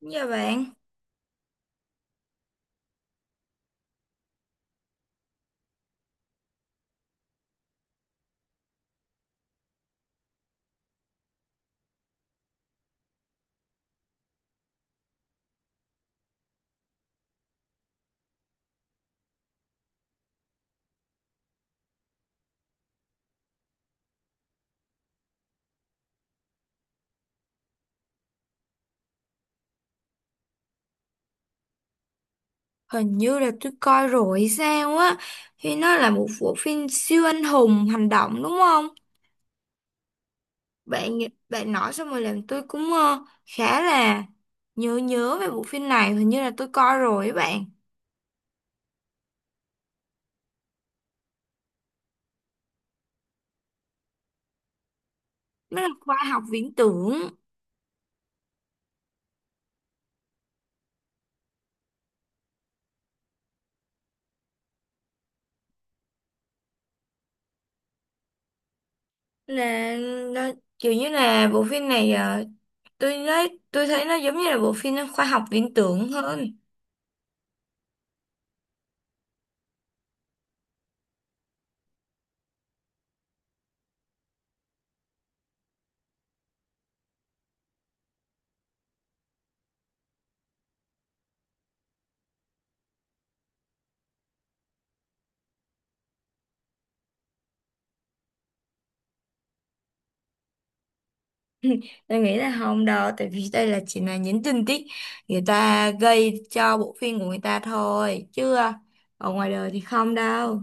Dạ bạn, hình như là tôi coi rồi hay sao á, thì nó là một bộ phim siêu anh hùng hành động đúng không? Bạn bạn nói xong rồi làm tôi cũng khá là nhớ nhớ về bộ phim này, hình như là tôi coi rồi ấy bạn. Nó là khoa học viễn tưởng, là nó, kiểu như là bộ phim này tôi nói tôi thấy nó giống như là bộ phim khoa học viễn tưởng hơn. Tôi nghĩ là không đâu, tại vì đây là chỉ là những tình tiết người ta gây cho bộ phim của người ta thôi, chứ ở ngoài đời thì không đâu.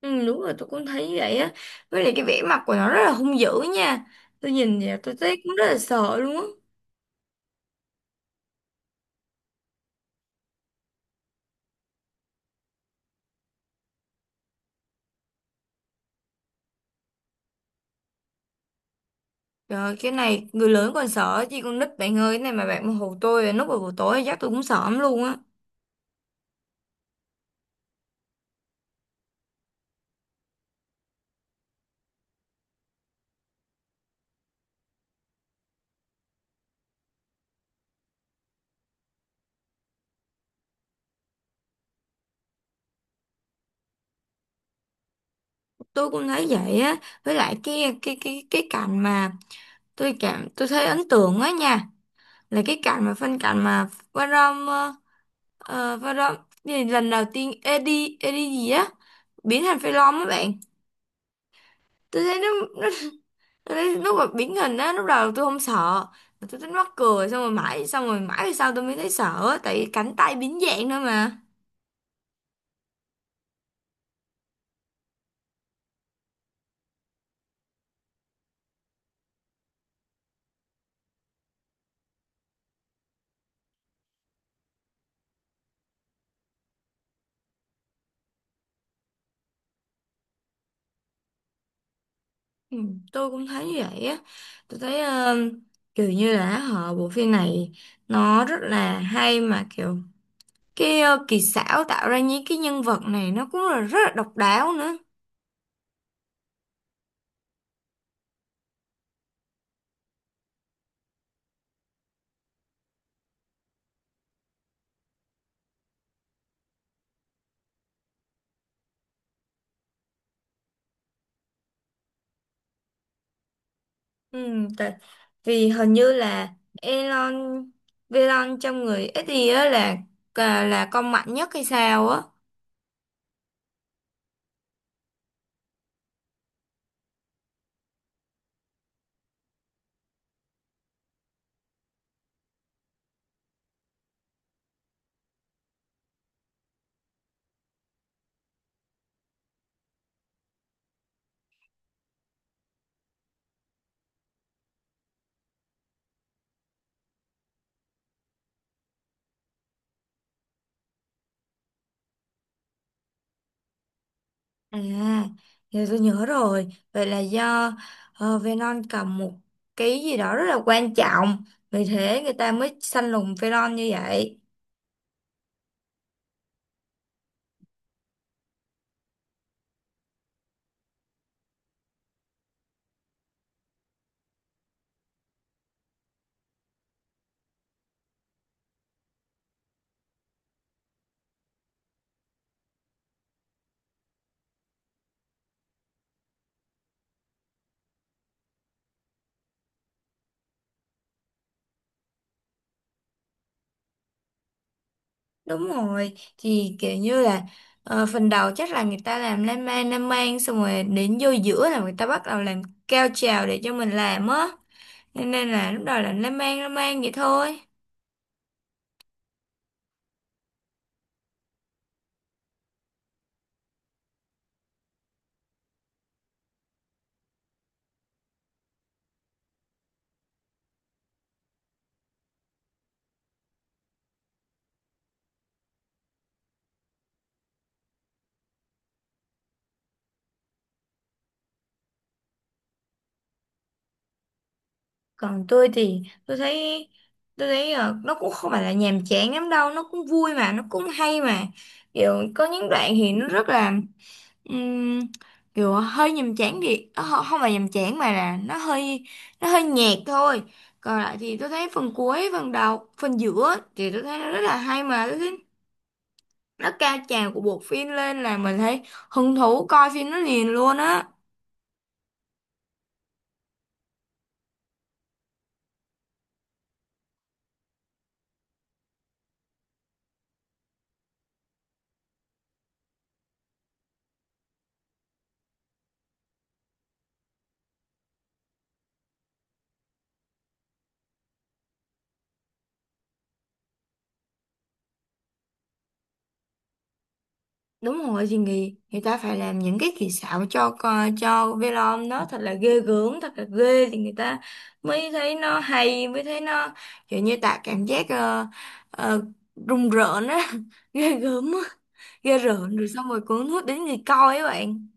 Ừ, đúng rồi, tôi cũng thấy vậy á. Với lại cái vẻ mặt của nó rất là hung dữ nha. Tôi nhìn vậy tôi thấy cũng rất là sợ luôn á. Trời ơi, cái này người lớn còn sợ chứ con nít bạn ơi, cái này mà bạn mà hù tôi lúc vào buổi tối chắc tôi cũng sợ lắm luôn á. Tôi cũng thấy vậy á. Với lại cái cảnh mà tôi thấy ấn tượng á nha, là cái cảnh mà phân cảnh mà Varom Varom gì lần đầu tiên Eddie Eddie gì á biến thành phi long á bạn, tôi thấy nó tôi thấy lúc mà biến hình á, lúc đầu tôi không sợ mà tôi thấy mắc cười, xong rồi mãi về sau tôi mới thấy sợ á, tại vì cánh tay biến dạng nữa mà. Ừ, tôi cũng thấy như vậy á. Tôi thấy kiểu như là họ, bộ phim này nó rất là hay mà, kiểu cái kỳ xảo tạo ra những cái nhân vật này nó cũng là rất là độc đáo nữa. Ừ, tại vì hình như là Elon Elon trong người ít gì á, là là con mạnh nhất hay sao á. À giờ tôi nhớ rồi, vậy là do Elon cầm một cái gì đó rất là quan trọng, vì thế người ta mới săn lùng Elon như vậy. Đúng rồi, thì kiểu như là phần đầu chắc là người ta làm lan man, xong rồi đến vô giữa là người ta bắt đầu làm cao trào để cho mình làm á. Thế nên là lúc đầu là nó mang vậy thôi. Còn tôi thì tôi thấy, nó cũng không phải là nhàm chán lắm đâu, nó cũng vui mà nó cũng hay mà, kiểu có những đoạn thì nó rất là ừm, kiểu hơi nhàm chán, thì không không phải nhàm chán mà là nó hơi nhạt thôi. Còn lại thì tôi thấy phần cuối, phần đầu, phần giữa thì tôi thấy nó rất là hay mà. Tôi thấy nó cao trào của bộ phim lên là mình thấy hứng thú coi phim nó liền luôn á. Đúng rồi, thì người ta phải làm những cái kỳ xảo cho cho Velom đó thật là ghê gớm, thật là ghê, thì người ta mới thấy nó hay, mới thấy nó kiểu như tạo cảm giác ờ, rùng rợn á ghê gớm á, ghê rợn, rồi xong rồi cuốn hút đến người coi ấy bạn.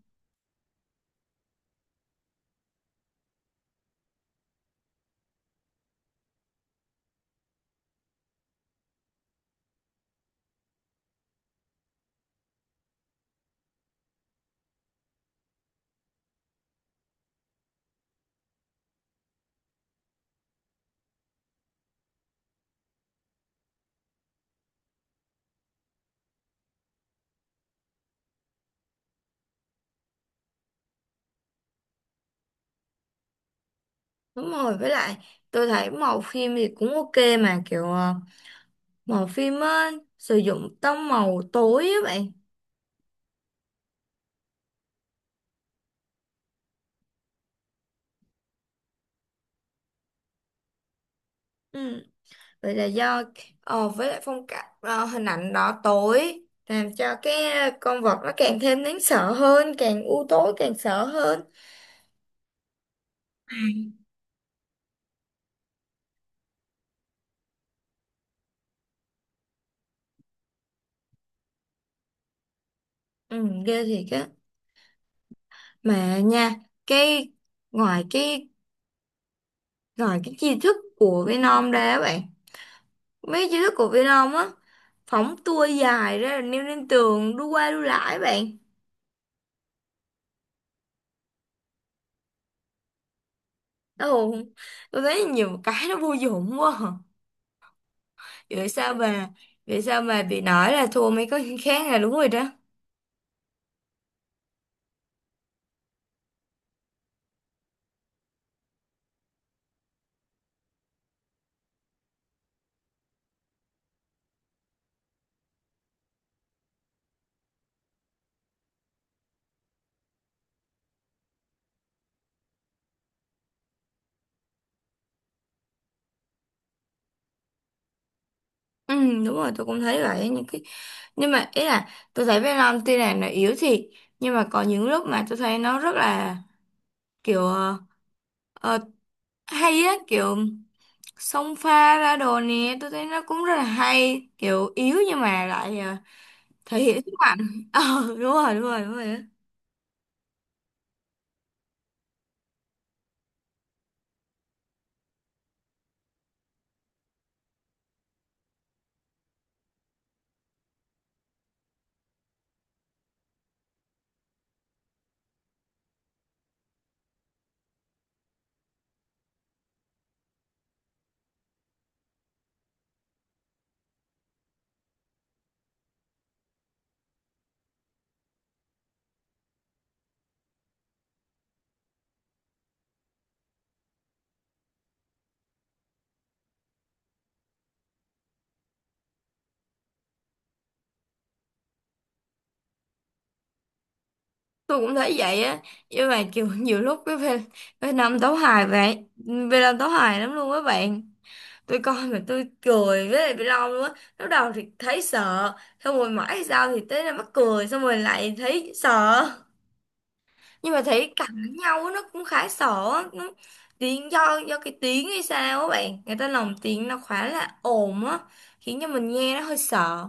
Đúng rồi, với lại tôi thấy màu phim thì cũng ok mà, kiểu màu phim á sử dụng tông màu tối á bạn. Ừ, vậy là do với lại phong cách hình ảnh đỏ tối làm cho cái con vật nó càng thêm đáng sợ hơn, càng u tối càng sợ hơn. À, ừ ghê thiệt á, mà nha, cái ngoài cái ngoài cái chi thức của Venom ra á bạn, mấy chi thức của Venom á phóng tua dài ra rồi leo lên tường đu qua đu lại bạn. Ồ, tôi thấy nhiều cái nó vô dụng quá à. vậy sao mà Vậy sao mà bị nói là thua mấy con khác là đúng rồi đó. Ừ, đúng rồi, tôi cũng thấy vậy. Những cái, nhưng mà ý là tôi thấy Venom tuy là nó yếu thiệt, nhưng mà có những lúc mà tôi thấy nó rất là kiểu ờ, hay á, kiểu xông pha ra đồ nè, tôi thấy nó cũng rất là hay, kiểu yếu nhưng mà lại thể hiện sức mạnh. Ờ, đúng rồi, đúng rồi, đúng rồi á. Tôi cũng thấy vậy á, nhưng mà kiểu nhiều lúc cái Nam tấu hài, vậy Việt Nam tấu hài lắm luôn các bạn, tôi coi mà tôi cười với lại bị long luôn á. Lúc đầu thì thấy sợ, xong rồi mãi sau thì tới là mắc cười, xong rồi lại thấy sợ. Nhưng mà thấy cặp đánh nhau á, nó cũng khá sợ á. Nó, tiếng do cái tiếng hay sao á bạn, người ta lồng tiếng nó khá là ồn á, khiến cho mình nghe nó hơi sợ.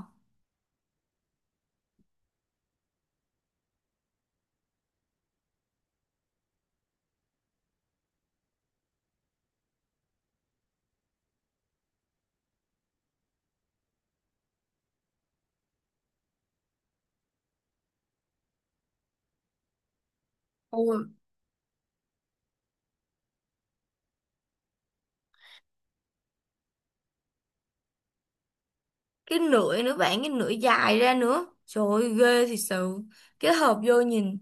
Cái nửa nữa bạn, cái nửa dài ra nữa, trời ơi, ghê thiệt sự. Cái hộp vô nhìn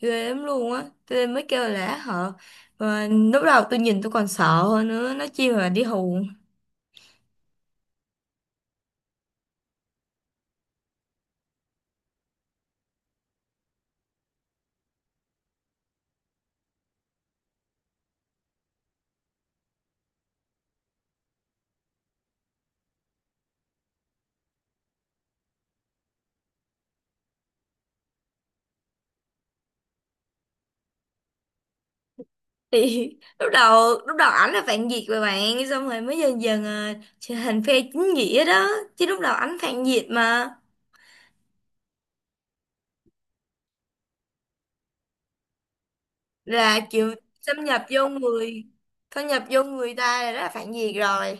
ghê lắm luôn á, tôi mới kêu là họ mà, lúc đầu tôi nhìn tôi còn sợ hơn nữa, nó chi mà đi hù. Thì lúc đầu ảnh là phản diện mà bạn, xong rồi mới dần dần à, trở thành phe chính nghĩa đó, chứ lúc đầu ảnh phản diện mà. Là kiểu xâm nhập vô người xâm nhập vô người ta là rất là phản diện rồi.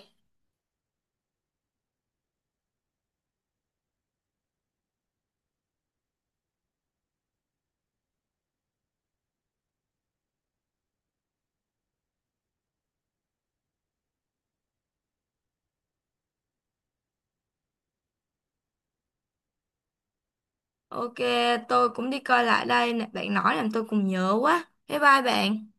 Ok, tôi cũng đi coi lại đây nè. Bạn nói làm tôi cũng nhớ quá. Bye bye bạn.